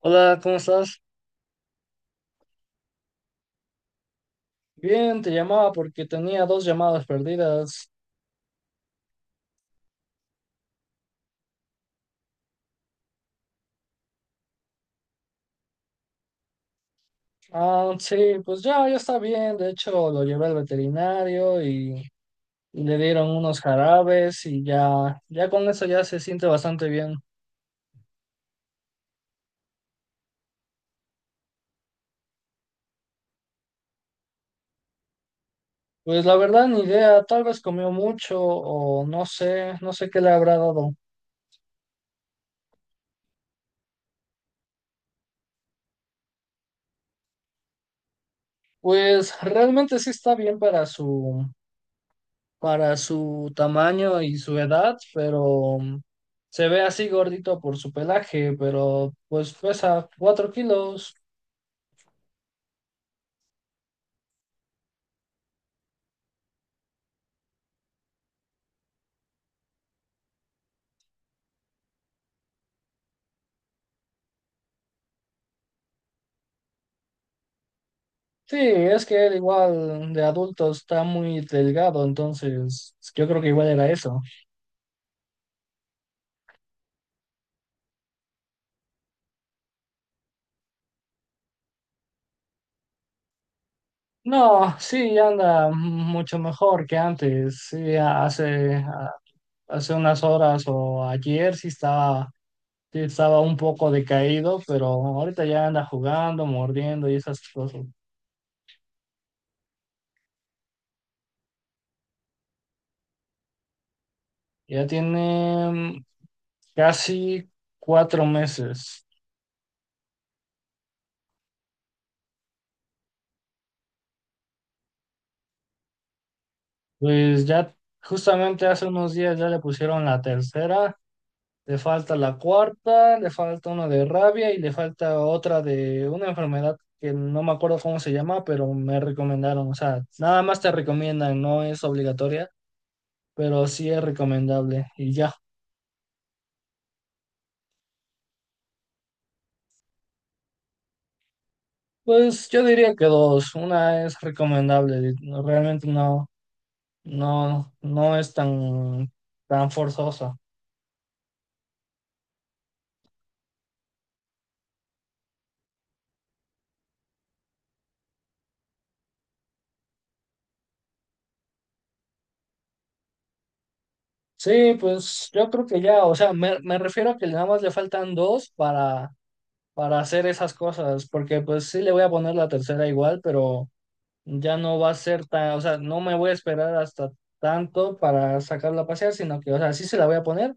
Hola, ¿cómo estás? Bien, te llamaba porque tenía 2 llamadas perdidas. Ah, sí, pues ya, ya está bien. De hecho, lo llevé al veterinario y le dieron unos jarabes y ya, ya con eso ya se siente bastante bien. Pues la verdad, ni idea, tal vez comió mucho o no sé qué le habrá dado. Pues realmente sí está bien para para su tamaño y su edad, pero se ve así gordito por su pelaje, pero pues pesa 4 kilos. Sí, es que él igual de adulto está muy delgado, entonces yo creo que igual era eso. No, sí, anda mucho mejor que antes. Sí, hace unas horas o ayer sí estaba un poco decaído, pero ahorita ya anda jugando, mordiendo y esas cosas. Ya tiene casi 4 meses. Pues ya justamente hace unos días ya le pusieron la tercera, le falta la cuarta, le falta una de rabia y le falta otra de una enfermedad que no me acuerdo cómo se llama, pero me recomendaron. O sea, nada más te recomiendan, no es obligatoria, pero sí es recomendable. Y ya, pues yo diría que dos. Una es recomendable, realmente no. No, no es tan forzosa. Sí, pues yo creo que ya, o sea, me refiero a que nada más le faltan dos para hacer esas cosas, porque pues sí le voy a poner la tercera igual, pero ya no va a ser tan, o sea, no me voy a esperar hasta tanto para sacarla a pasear, sino que, o sea, sí se la voy a poner.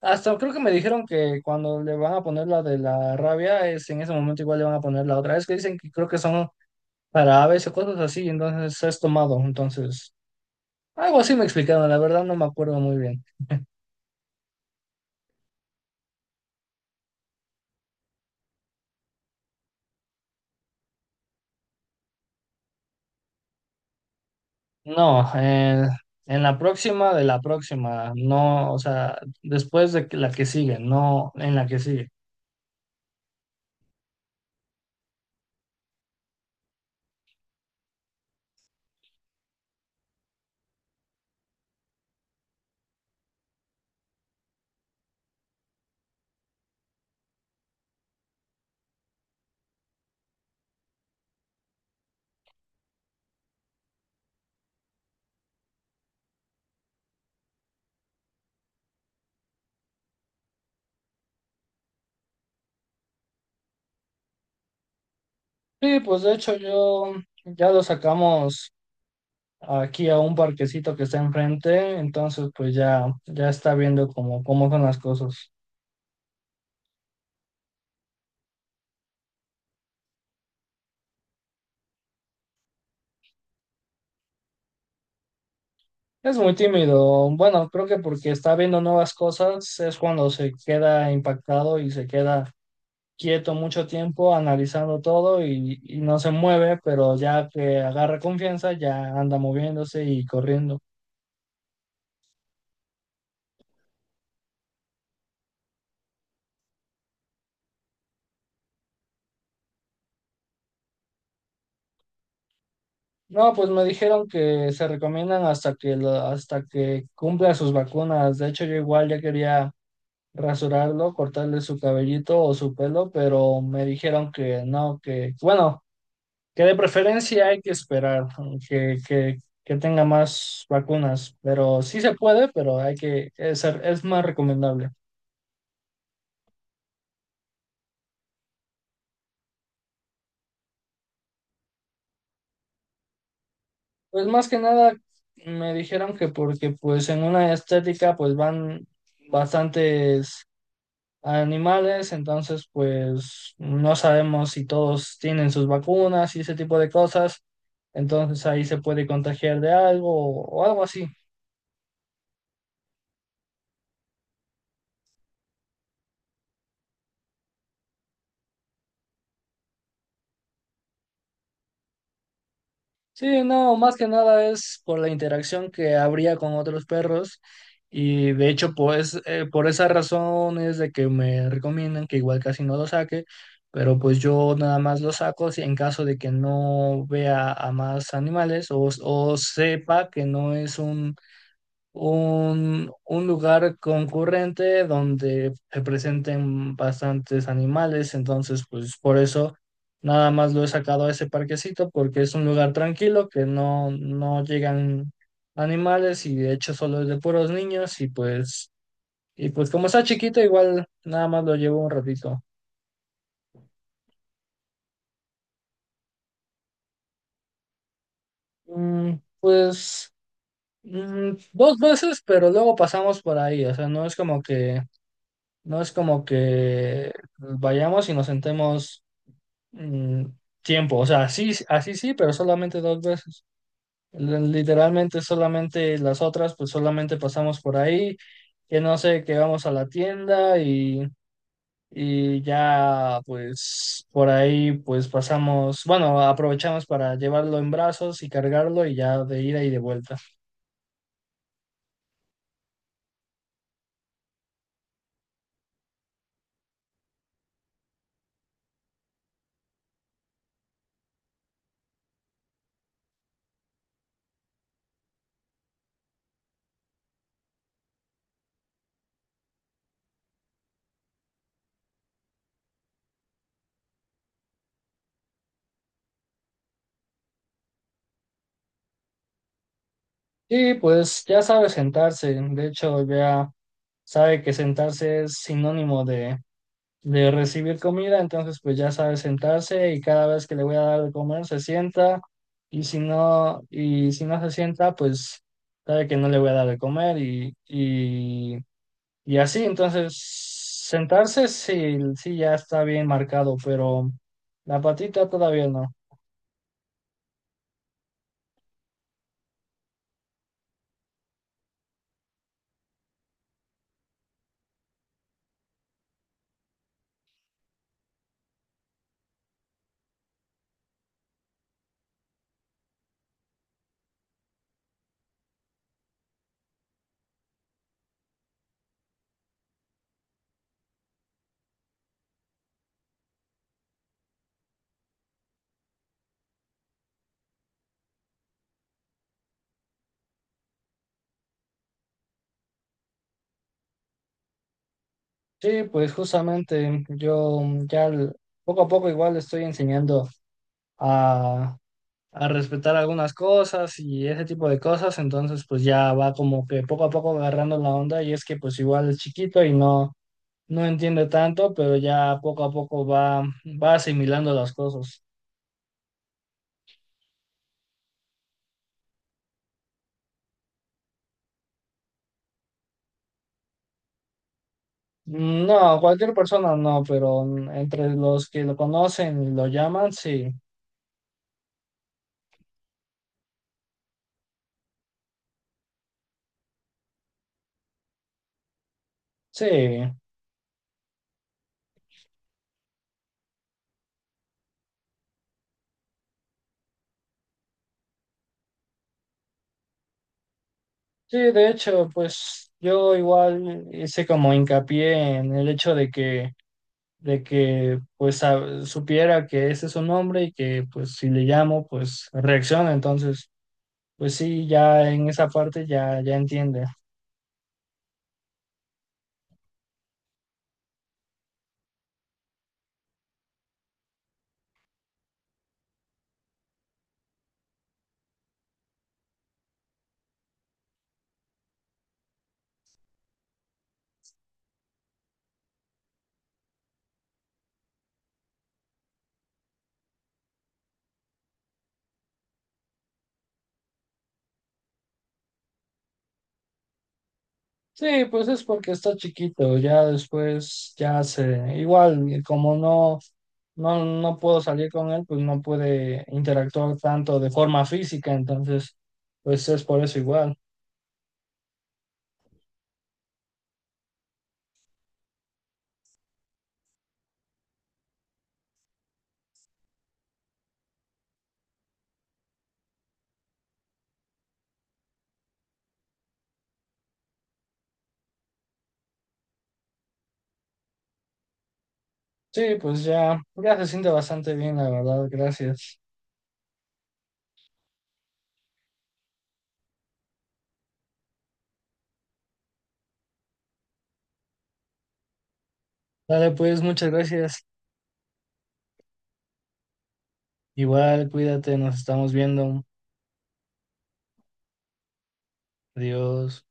Hasta creo que me dijeron que cuando le van a poner la de la rabia, es en ese momento igual le van a poner la otra. Es que dicen que creo que son para aves o cosas así, entonces es tomado, entonces. Algo así me explicaron, la verdad no me acuerdo muy bien. No, en la próxima de la próxima, no, o sea, la que sigue, no en la que sigue. Sí, pues de hecho yo ya lo sacamos aquí a un parquecito que está enfrente, entonces pues ya, ya está viendo cómo son las cosas. Es muy tímido, bueno, creo que porque está viendo nuevas cosas es cuando se queda impactado y se queda quieto mucho tiempo analizando todo y no se mueve, pero ya que agarra confianza ya anda moviéndose y corriendo. No, pues me dijeron que se recomiendan hasta que cumpla sus vacunas. De hecho, yo igual ya quería rasurarlo, cortarle su cabellito o su pelo, pero me dijeron que no, que bueno, que de preferencia hay que esperar que tenga más vacunas, pero sí se puede, pero hay que es más recomendable. Pues más que nada me dijeron que porque pues en una estética pues van bastantes animales, entonces pues no sabemos si todos tienen sus vacunas y ese tipo de cosas, entonces ahí se puede contagiar de algo algo así. Sí, no, más que nada es por la interacción que habría con otros perros y de hecho pues por esa razón es de que me recomiendan que igual casi no lo saque, pero pues yo nada más lo saco si en caso de que no vea a más animales o sepa que no es un lugar concurrente donde se presenten bastantes animales, entonces pues por eso nada más lo he sacado a ese parquecito porque es un lugar tranquilo que no, no llegan animales y de hecho solo es de puros niños y pues como está chiquito igual nada más lo llevo un ratito. Mm, pues 2 veces, pero luego pasamos por ahí, o sea, no es como que... No es como que vayamos y nos sentemos mm, tiempo. O sea, así, así sí, pero solamente 2 veces. Literalmente solamente las otras, pues solamente pasamos por ahí, que no sé, que vamos a la tienda y ya, pues por ahí, pues pasamos, bueno, aprovechamos para llevarlo en brazos y cargarlo y ya de ida y de vuelta. Y pues ya sabe sentarse, de hecho ya sabe que sentarse es sinónimo de recibir comida, entonces pues ya sabe sentarse y cada vez que le voy a dar de comer se sienta y si no se sienta, pues sabe que no le voy a dar de comer y así, entonces sentarse sí, sí ya está bien marcado, pero la patita todavía no. Sí, pues justamente yo ya l- poco a poco igual le estoy enseñando a a respetar algunas cosas y ese tipo de cosas, entonces pues ya va como que poco a poco agarrando la onda y es que pues igual es chiquito y no, no entiende tanto, pero ya poco a poco va asimilando las cosas. No, cualquier persona no, pero entre los que lo conocen y lo llaman, sí, sí, sí, de hecho, pues yo igual hice como hincapié en el hecho de que pues supiera que ese es su nombre y que pues si le llamo pues reacciona, entonces pues sí, ya en esa parte ya, ya entiende. Sí, pues es porque está chiquito, ya después ya se, igual como no, no, no puedo salir con él, pues no puede interactuar tanto de forma física, entonces pues es por eso igual. Sí, pues ya, ya se siente bastante bien, la verdad, gracias. Dale, pues muchas gracias. Igual, cuídate, nos estamos viendo. Adiós.